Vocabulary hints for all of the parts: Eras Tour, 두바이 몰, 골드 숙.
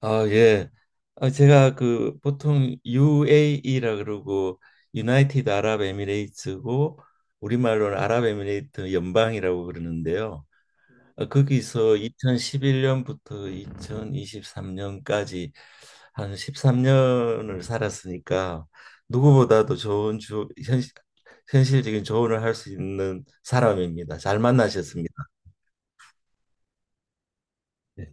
아, 예. 아, 제가 그 보통 UAE라 그러고 유나이티드 아랍에미레이트고 우리말로는 아랍에미레이트 연방이라고 그러는데요. 아, 거기서 2011년부터 2023년까지 한 13년을 살았으니까 누구보다도 좋은 현실적인 조언을 할 수 있는 사람입니다. 잘 만나셨습니다. 네.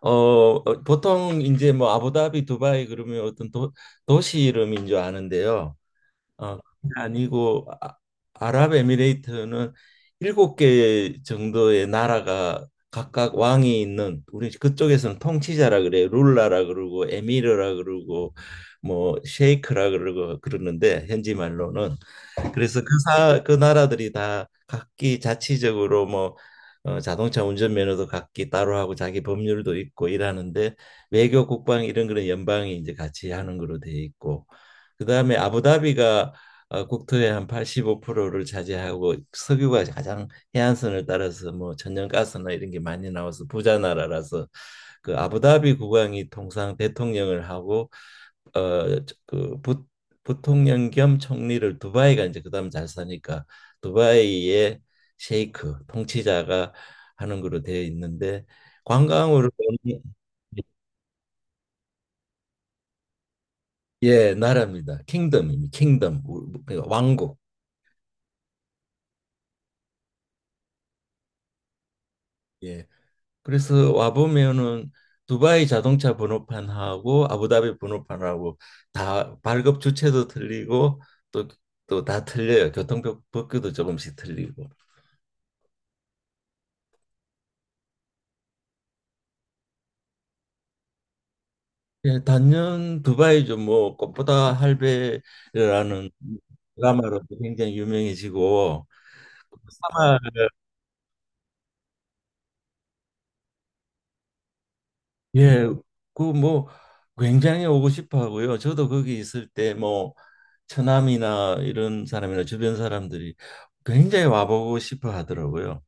보통 이제 뭐 아부다비, 두바이 그러면 어떤 도시 이름인 줄 아는데요. 그게 아니고 아, 아랍에미레이트는 7개 정도의 나라가 각각 왕이 있는 우리 그쪽에서는 통치자라 그래요. 룰라라 그러고 에미르라 그러고 뭐 셰이크라 그러고 그러는데 현지 말로는 그래서 그 그 나라들이 다 각기 자치적으로 뭐 자동차 운전면허도 각기 따로 하고 자기 법률도 있고 이러는데 외교 국방 이런 그런 연방이 이제 같이 하는 거로 돼 있고 그다음에 아부다비가 국토의 한 85%를 차지하고 석유가 가장 해안선을 따라서 뭐 천연가스나 이런 게 많이 나와서 부자 나라라서 그 아부다비 국왕이 통상 대통령을 하고 어그 부통령 겸 총리를 두바이가 이제 그다음 잘 사니까 두바이의 셰이크 통치자가 하는 걸로 되어 있는데 관광으로 오는- 예, 나라입니다. 킹덤입니다. 킹덤 우- 그 왕국. 예. 그래서 와 보면은 두바이 자동차 번호판하고 아부다비 번호판하고 다 발급 주체도 틀리고 또 또 다 틀려요. 교통법규도 조금씩 틀리고. 예, 단연 두바이죠. 뭐 꽃보다 할배라는 드라마로 굉장히 유명해지고 아마 예, 그 뭐 굉장히 오고 싶어 하고요. 저도 거기 있을 때 뭐 처남이나 이런 사람이나 주변 사람들이 굉장히 와보고 싶어 하더라고요.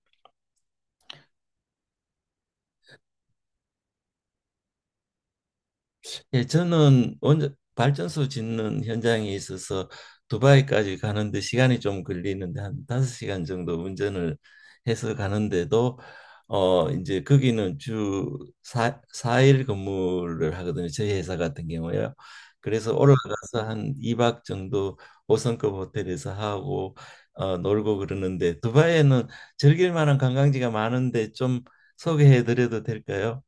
예, 저는 원전 발전소 짓는 현장에 있어서 두바이까지 가는데 시간이 좀 걸리는데 한 5시간 정도 운전을 해서 가는데도 이제 거기는 주사사일 근무를 하거든요. 저희 회사 같은 경우에요. 그래서 올라가서 한이박 정도 5성급 호텔에서 하고 놀고 그러는데 두바이에는 즐길 만한 관광지가 많은데 좀 소개해 드려도 될까요?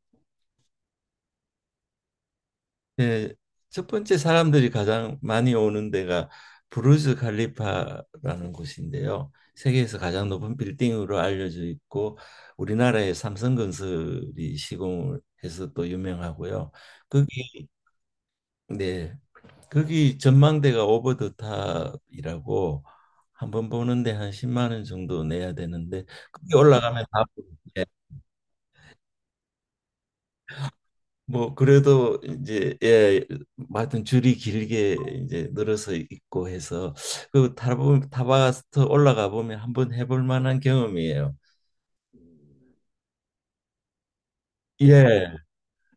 네, 첫 번째 사람들이 가장 많이 오는 데가 부르즈 칼리파라는 곳인데요. 세계에서 가장 높은 빌딩으로 알려져 있고 우리나라의 삼성건설이 시공을 해서 또 유명하고요. 거기 네. 거기 전망대가 오버 더 탑이라고 한 번 보는데 한 10만 원 정도 내야 되는데 거기 올라가면 다 보여요. 뭐 그래도 이제 예, 뭐 하여튼 줄이 길게 이제 늘어서 있고 해서 그 타바 타바스트 올라가 보면 한번 해볼 만한 경험이에요. 예,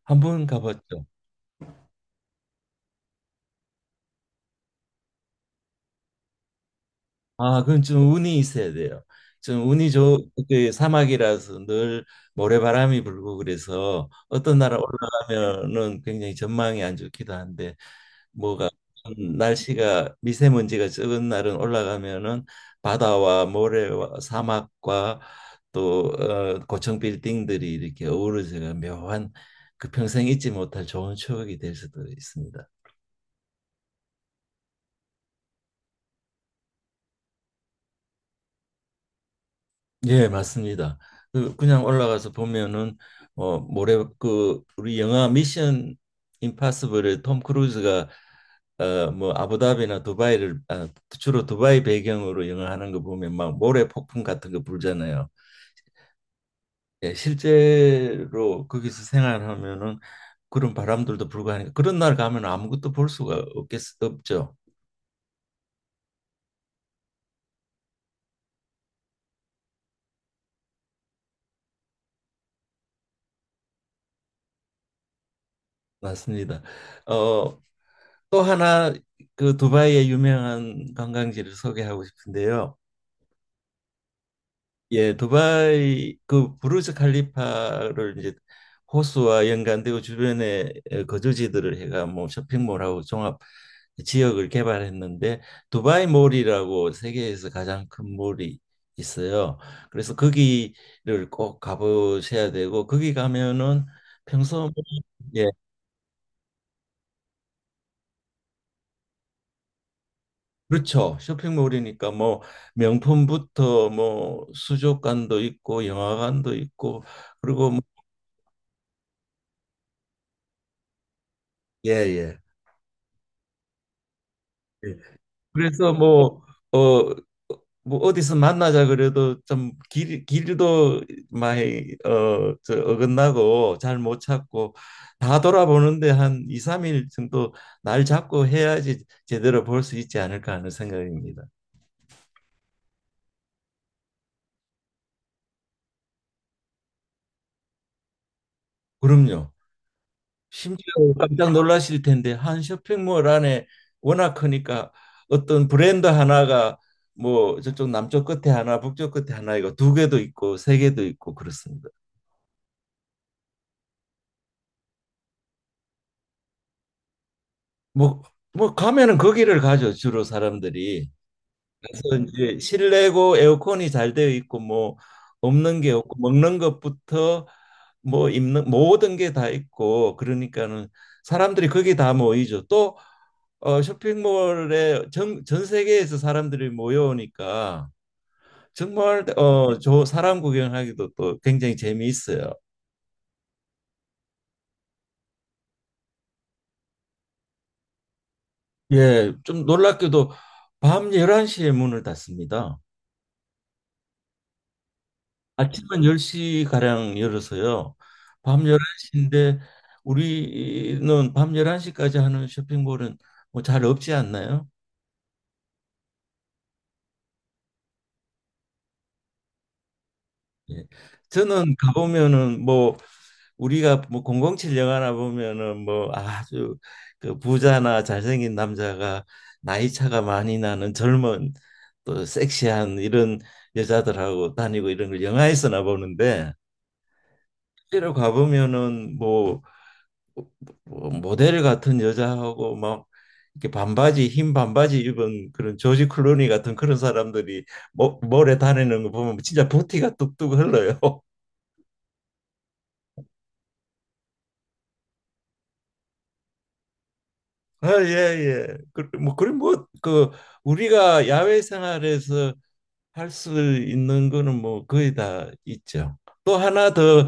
한번 가봤죠. 아, 그건 좀 운이 있어야 돼요. 좀 운이 그 사막이라서 늘 모래바람이 불고 그래서 어떤 나라 올라가면은 굉장히 전망이 안 좋기도 한데 뭐가 날씨가 미세먼지가 적은 날은 올라가면은 바다와 모래와 사막과 또 고층 빌딩들이 이렇게 어우러져가 묘한 그 평생 잊지 못할 좋은 추억이 될 수도 있습니다. 예, 맞습니다. 그 그냥 올라가서 보면은 모래 그 우리 영화 미션 임파서블에 톰 크루즈가 뭐 아부다비나 주로 두바이 배경으로 영화하는 거 보면 막 모래 폭풍 같은 거 불잖아요. 예, 실제로 거기서 생활하면은 그런 바람들도 불고 하니까 그런 날 가면 아무것도 볼 수가 없죠. 맞습니다. 어, 또 하나 그 두바이의 유명한 관광지를 소개하고 싶은데요. 예, 두바이 그 부르즈 칼리파를 이제 호수와 연관되고 주변에 거주지들을 해가 뭐 쇼핑몰하고 종합 지역을 개발했는데 두바이 몰이라고 세계에서 가장 큰 몰이 있어요. 그래서 거기를 꼭 가보셔야 되고 거기 가면은 평소 뭐 예, 그렇죠. 쇼핑몰이니까 뭐 명품부터 뭐 수족관도 있고 영화관도 있고 그리고 뭐 예, 예. 예. 그래서 뭐, 어, 뭐 어디서 만나자 그래도 좀 길도 많이 어긋나고 잘 못 찾고 다 돌아보는데 한 2, 3일 정도 날 잡고 해야지 제대로 볼 수 있지 않을까 하는 생각입니다. 그럼요. 심지어 깜짝 놀라실 텐데 한 쇼핑몰 안에 워낙 크니까 어떤 브랜드 하나가 뭐 저쪽 남쪽 끝에 하나, 북쪽 끝에 하나 이거 2개도 있고 3개도 있고 그렇습니다. 뭐, 뭐 가면은 거기를 가죠 주로 사람들이. 그래서 이제 실내고 에어컨이 잘 되어 있고 뭐 없는 게 없고 먹는 것부터 뭐 입는 모든 게 다 있고 그러니까는 사람들이 거기 다 모이죠. 또 쇼핑몰에 전 세계에서 사람들이 모여오니까 정말 저 사람 구경하기도 또 굉장히 재미있어요. 예, 좀 놀랍게도 밤 11시에 문을 닫습니다. 아침은 10시가량 열어서요. 밤 11시인데 우리는 밤 11시까지 하는 쇼핑몰은 뭐 잘 없지 않나요? 예. 저는 가보면은 뭐 우리가 뭐 007 영화나 보면은 뭐 아주 그 부자나 잘생긴 남자가 나이 차가 많이 나는 젊은 또 섹시한 이런 여자들하고 다니고 이런 걸 영화에서나 보는데 실제로 가보면은 뭐 모델 같은 여자하고 막 이렇게 반바지 흰 반바지 입은 그런 조지 클루니 같은 그런 사람들이 몰에 다니는 거 보면 진짜 부티가 뚝뚝 흘러요. 아, 예, 예. 뭐, 그리 뭐, 우리가 야외 생활에서 할 수 있는 거는 뭐 거의 다 있죠. 또 하나 더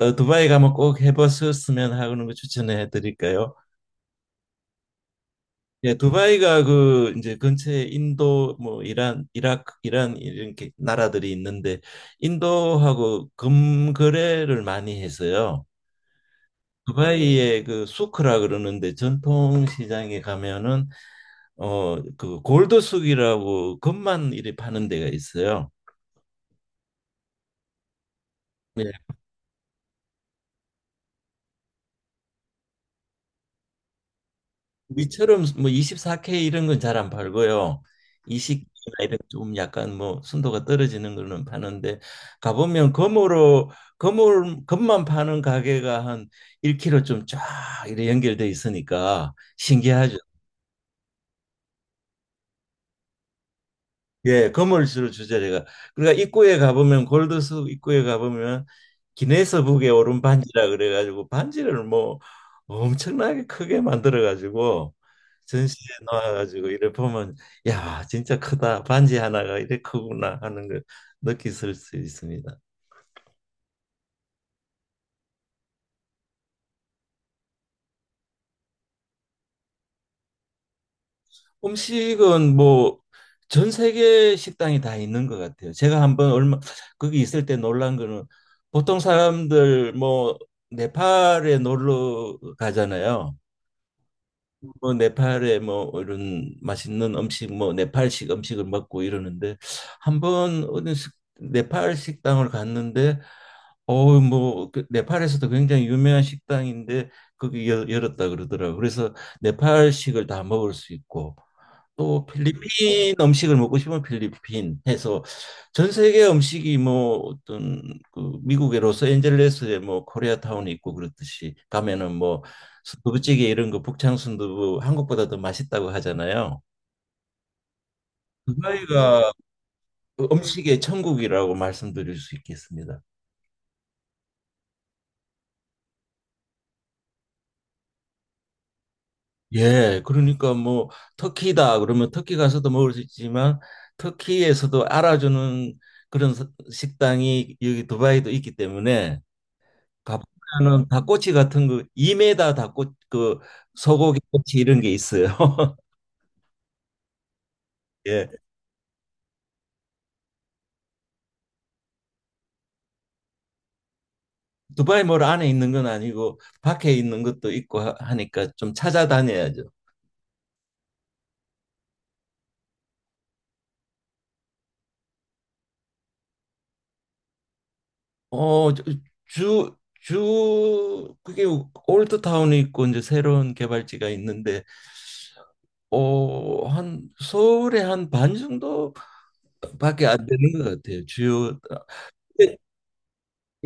두바이 가면 꼭 해보셨으면 하는 거 추천해 드릴까요? 예, 두바이가 그 이제 근처에 인도 뭐 이란 이라크 이란 이렇게 나라들이 있는데 인도하고 금거래를 많이 해서요. 두바이의 그 수크라 그러는데 전통 시장에 가면은 그 골드 숙이라고 금만 이렇게 파는 데가 있어요. 우리처럼 뭐 24K 이런 건 잘 안 팔고요. 20K나 이런 좀 약간 뭐 순도가 떨어지는 거는 파는데 가보면 금으로 금을 금만 파는 가게가 한 1km 좀 쫙 이렇게 연결돼 있으니까 신기하죠. 예, 건물주를 주죠, 제가. 그러니까 입구에 가보면 골드숲 입구에 가보면 기네스북에 오른 반지라 그래가지고 반지를 뭐 엄청나게 크게 만들어가지고 전시에 놓아가지고 이래 보면 야, 진짜 크다. 반지 하나가 이래 크구나 하는 걸 느끼실 수 있습니다. 음식은 뭐 전 세계 식당이 다 있는 것 같아요. 제가 한번 얼마 거기 있을 때 놀란 거는 보통 사람들 뭐 네팔에 놀러 가잖아요. 뭐 네팔에 뭐 이런 맛있는 음식 뭐 네팔식 음식을 먹고 이러는데 한번 어느 식- 네팔 식당을 갔는데 어우 뭐그 네팔에서도 굉장히 유명한 식당인데 거기 열었다 그러더라고요. 그래서 네팔식을 다 먹을 수 있고 또 필리핀 음식을 먹고 싶으면 필리핀 해서 전 세계 음식이 뭐 어떤 그 미국의 로스앤젤레스에 뭐 코리아타운이 있고 그렇듯이 가면은 뭐 순두부찌개 이런 거 북창 순두부 한국보다 더 맛있다고 하잖아요. 두바이가 그 음식의 천국이라고 말씀드릴 수 있겠습니다. 예, 그러니까 뭐 터키다 그러면 터키 가서도 먹을 수 있지만 터키에서도 알아주는 그런 식당이 여기 두바이도 있기 때문에 가보면은 닭꼬치 같은 거 2m 닭꼬 그 소고기 꼬치 이런 게 있어요. 예. 두바이 몰 안에 있는 건 아니고 밖에 있는 것도 있고 하니까 좀 찾아다녀야죠. 어, 저- 주, 주 그게 올드타운이 있고 이제 새로운 개발지가 있는데 한 서울의 한 반 정도밖에 안 되는 것 같아요. 주요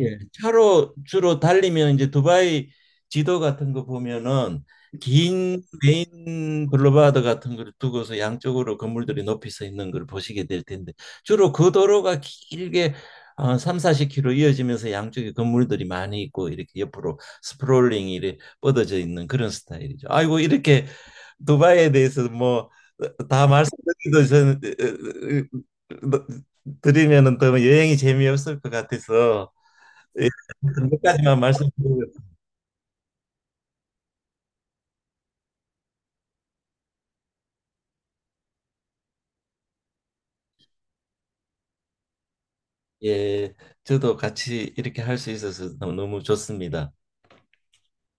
예, 차로 주로 달리면 이제 두바이 지도 같은 거 보면은 긴 메인 블루바드 같은 걸 두고서 양쪽으로 건물들이 높이 서 있는 걸 보시게 될 텐데 주로 그 도로가 길게 3, 40km 이어지면서 양쪽에 건물들이 많이 있고 이렇게 옆으로 스프롤링이 이렇게 뻗어져 있는 그런 스타일이죠. 아이고, 이렇게 두바이에 대해서 뭐 다 말씀드리도 전 드리면은 더 여행이 재미없을 것 같아서 예, 몇 가지만 말씀드리고 예, 저도 같이 이렇게 할 수 있어서 너무 좋습니다.